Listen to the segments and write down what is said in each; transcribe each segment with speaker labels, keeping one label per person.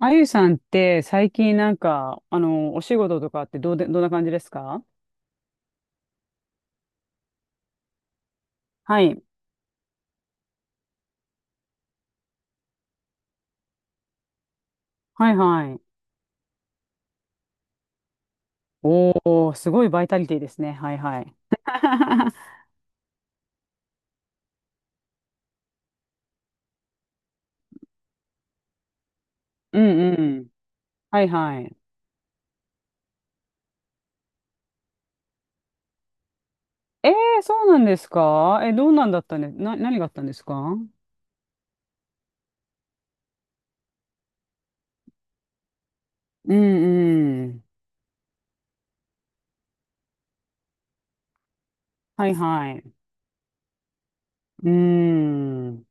Speaker 1: あゆさんって最近なんか、お仕事とかってどうで、どんな感じですか？はい。はいはい。おー、すごいバイタリティですね。はいはい。うんうん。はいはい。えー、そうなんですか？え、どうなんだったね。何があったんですか？うんうん。はいはい。うーん。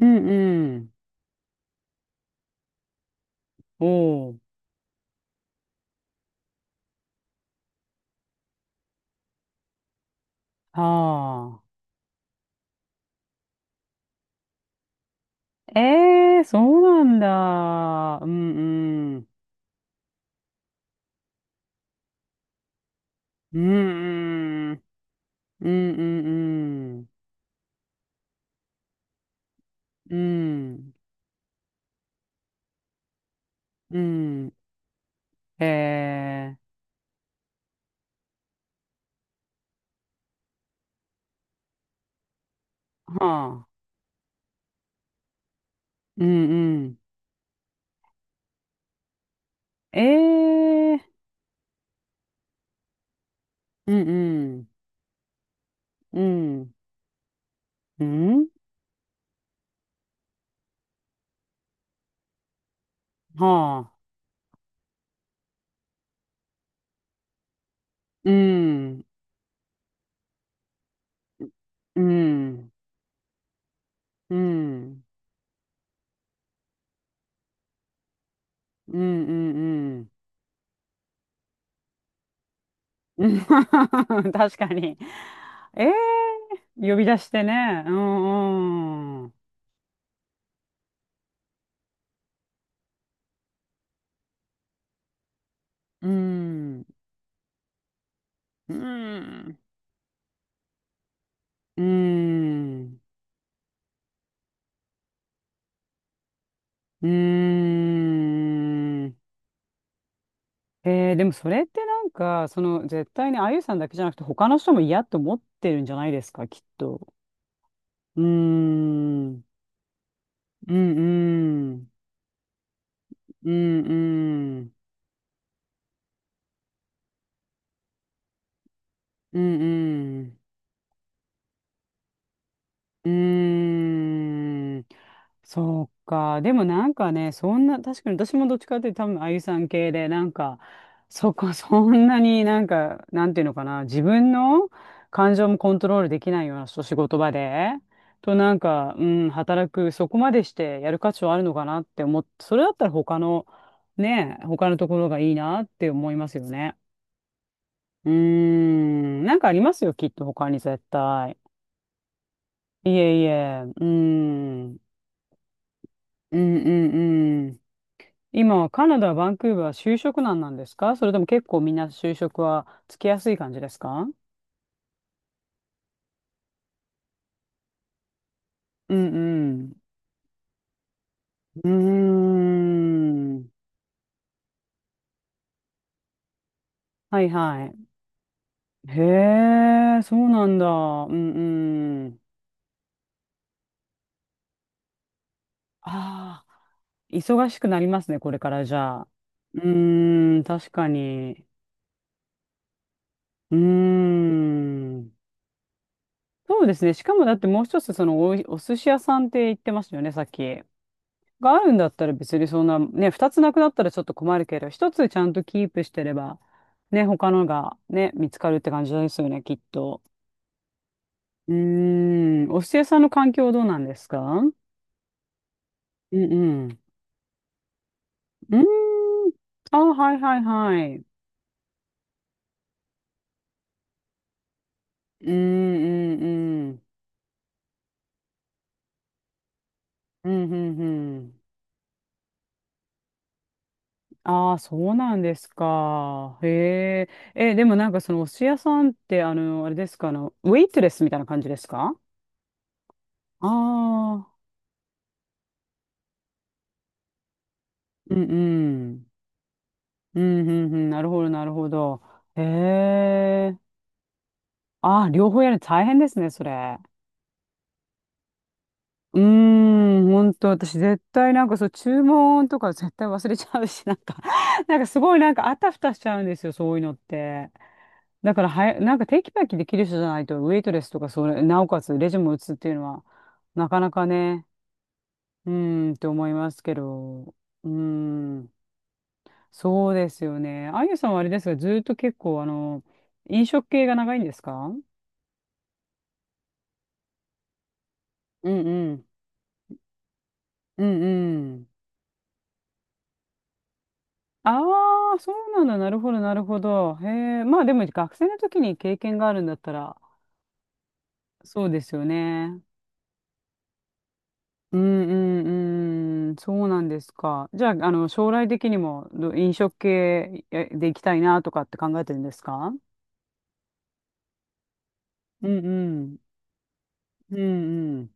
Speaker 1: うんうん。おー。はあ。えー、そうなんだ。うんうん。うんうん。うんうんうん。うん。うん。えー、はあ。うんうん。えー、うんうん。うん。うんはあ。うん。うん。うん。うんうんうん。うん 確かに。ええ、呼び出してね。うんうん。うん。うん。うん。うん。でもそれってなんか、絶対にあゆさんだけじゃなくて他の人も嫌と思ってるんじゃないですか、きっと。うーん、うんうん、うんうん、うんうん。うーん、そうか。でもなんかね、そんな、確かに私もどっちかっていうと多分、あゆさん系で、なんか、そこ、そんなになんか、なんていうのかな、自分の感情もコントロールできないような仕事場で、となんか、うん、そこまでしてやる価値はあるのかなって思って、それだったらね、他のところがいいなって思いますよね。うーん、なんかありますよ、きっと他に絶対。いえいえ、うーん。うんうんうん。今、カナダ、バンクーバー、就職難なんですか？それとも結構みんな就職はつきやすい感じですか？うんうん。うーん。はいはい。へえ、そうなんだ。うんうん。ああ、忙しくなりますね、これからじゃあ。うーん、確かに。うーん。そうですね。しかもだってもう一つ、そのお寿司屋さんって言ってましたよね、さっき。があるんだったら別にそんな、ね、二つなくなったらちょっと困るけど、一つちゃんとキープしてれば、ね、他のがね、見つかるって感じですよね、きっと。うーん、お寿司屋さんの環境どうなんですか？うんうん。うーん。あ、はいはいはい。うんうんうん。うんうんうん。ああ、そうなんですか。へえ。え、でもなんかそのお寿司屋さんって、あれですか、ウェイトレスみたいな感じですか？ああー、うんうん。うん、うん、うん、なるほど、なるほど。へえ。あ、両方やるの大変ですね、それ。うーん、本当私絶対なんかそう、注文とか絶対忘れちゃうし、なんか なんかすごいなんかあたふたしちゃうんですよ、そういうのって。だからなんかテキパキできる人じゃないと、ウェイトレスとかそれ、なおかつレジも打つっていうのは、なかなかね、うーんって思いますけど、うーん、そうですよね。あゆさんはあれですが、ずーっと結構、飲食系が長いんですか？うんうん。うんうん。ああ、そうなんだ。なるほど、なるほど。へえ。まあでも学生の時に経験があるんだったら、そうですよね。うんうんうん。そうなんですか。じゃあ、将来的にも飲食系で行きたいなとかって考えてるんですか？うんうん。うんうん。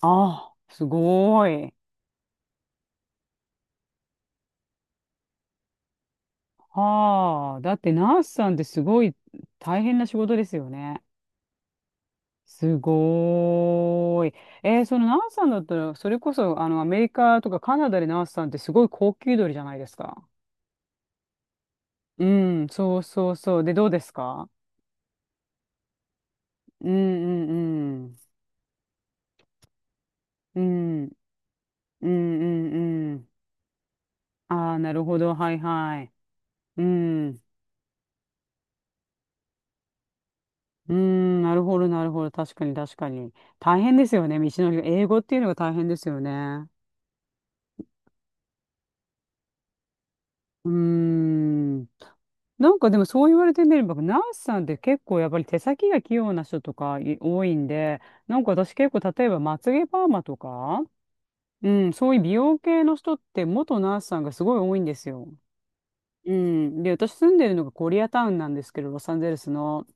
Speaker 1: ああ、すごい。はあ。だってナースさんってすごい大変な仕事ですよね。すごーい。えーそのナースさんだったら、それこそ、アメリカとかカナダでナースさんってすごい高級鳥じゃないですか。うん、そうそうそう。で、どうですか？うんうんうん。うん、うんうんうん。ああ、なるほど。はいはい。うん。うん、なるほど、なるほど。確かに、確かに。大変ですよね。道のりが。英語っていうのが大変ですよね。うーん。なんかでもそう言われてみれば、ナースさんって結構やっぱり手先が器用な人とか多いんで、なんか私結構例えばまつげパーマとか、うん、そういう美容系の人って元ナースさんがすごい多いんですよ。うん。で、私住んでるのがコリアタウンなんですけど、ロサンゼルスの。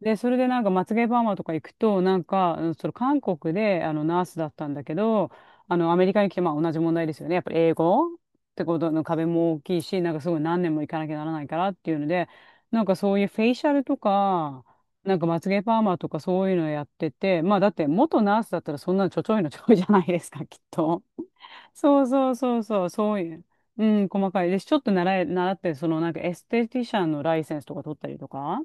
Speaker 1: で、それでなんか、まつげパーマとか行くと、なんか、うんその韓国で、ナースだったんだけど、アメリカに来て、まあ、同じ問題ですよね。やっぱり英語ってことの壁も大きいし、なんかすごい何年も行かなきゃならないからっていうので、なんかそういうフェイシャルとか、なんかまつげパーマとかそういうのやってて、まあ、だって元ナースだったらそんなのちょちょいのちょいじゃないですか、きっと。そうそうそうそう、そういう。うん、細かい。で、ちょっと習って、そのなんかエステティシャンのライセンスとか取ったりとか。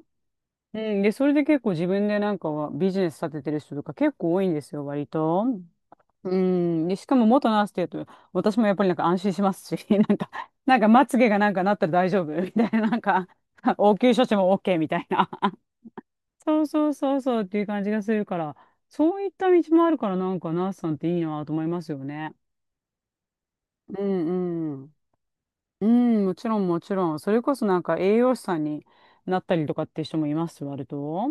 Speaker 1: うん、で、それで結構自分でなんかはビジネス立ててる人とか結構多いんですよ、割と。うん。で、しかも元ナースって言うと、私もやっぱりなんか安心しますし、なんか、なんかまつげがなんかなったら大丈夫みたいな、なんか、応急処置も OK みたいな。そうそうそうそうっていう感じがするから、そういった道もあるからなんかナースさんっていいなと思いますよね。うんうん。うん、もちろんもちろん。それこそなんか栄養士さんになったりとかっていう人もいます、割と。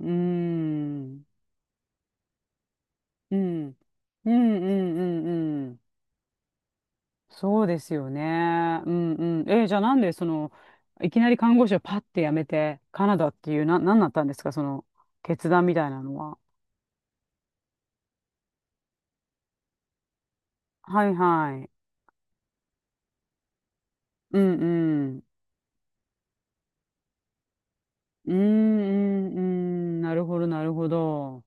Speaker 1: うん。うん。うんうんうんうん。そうですよね。うんうん。じゃあなんでいきなり看護師をパッて辞めて、カナダっていう、なんだったんですか、その、決断みたいなのは。はいはい。うんうん。うんうんうん。なるほど、なるほど。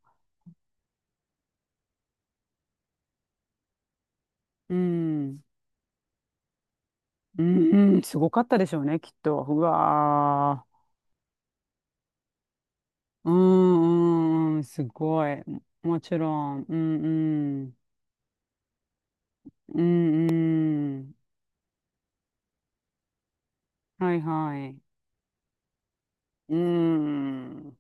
Speaker 1: うん。うんうん。すごかったでしょうね、きっと。うわー。うんうんうん。すごい。もちろん。うんうん。うんうん。はいはい。うーん。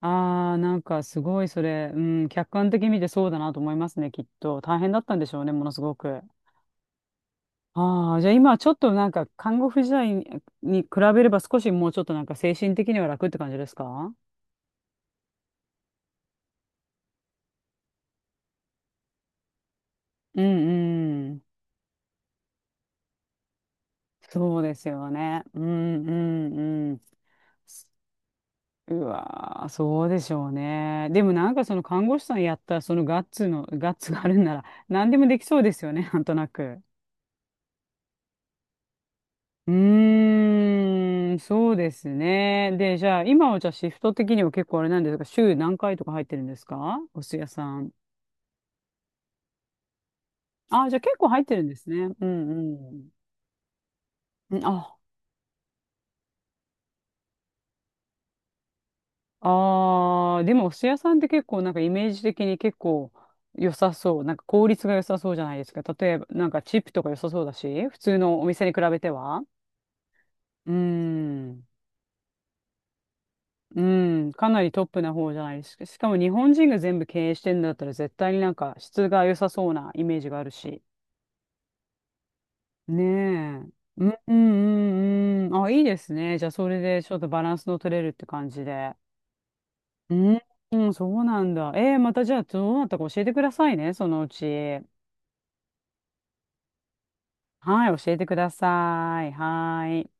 Speaker 1: ああ、なんかすごいそれ、うん、客観的に見てそうだなと思いますね、きっと。大変だったんでしょうね、ものすごく。ああ、じゃあ今ちょっとなんか看護婦時代に比べれば少しもうちょっとなんか精神的には楽って感じですか？うんうん。そうですよね。うんうんうん。うわー、そうでしょうね。でもなんかその看護師さんやったそのガッツがあるんなら何でもできそうですよね、なんとなく。うーん、そうですね。で、じゃあ、今はじゃあシフト的には結構あれなんですが、週何回とか入ってるんですか？お寿司屋さん。あ、じゃあ結構入ってるんですね。うんうん。あー、でもお寿司屋さんって結構なんかイメージ的に結構良さそう。なんか効率が良さそうじゃないですか。例えば、なんかチップとか良さそうだし、普通のお店に比べては。うーん。うん、かなりトップな方じゃないですか。しかも日本人が全部経営してんだったら絶対になんか質が良さそうなイメージがあるし。ねえ。うんうんうんうん。あ、いいですね。じゃあそれでちょっとバランスの取れるって感じで。うん、うん、そうなんだ。えー、またじゃあどうなったか教えてくださいね、そのうち。はい、教えてください。はーい。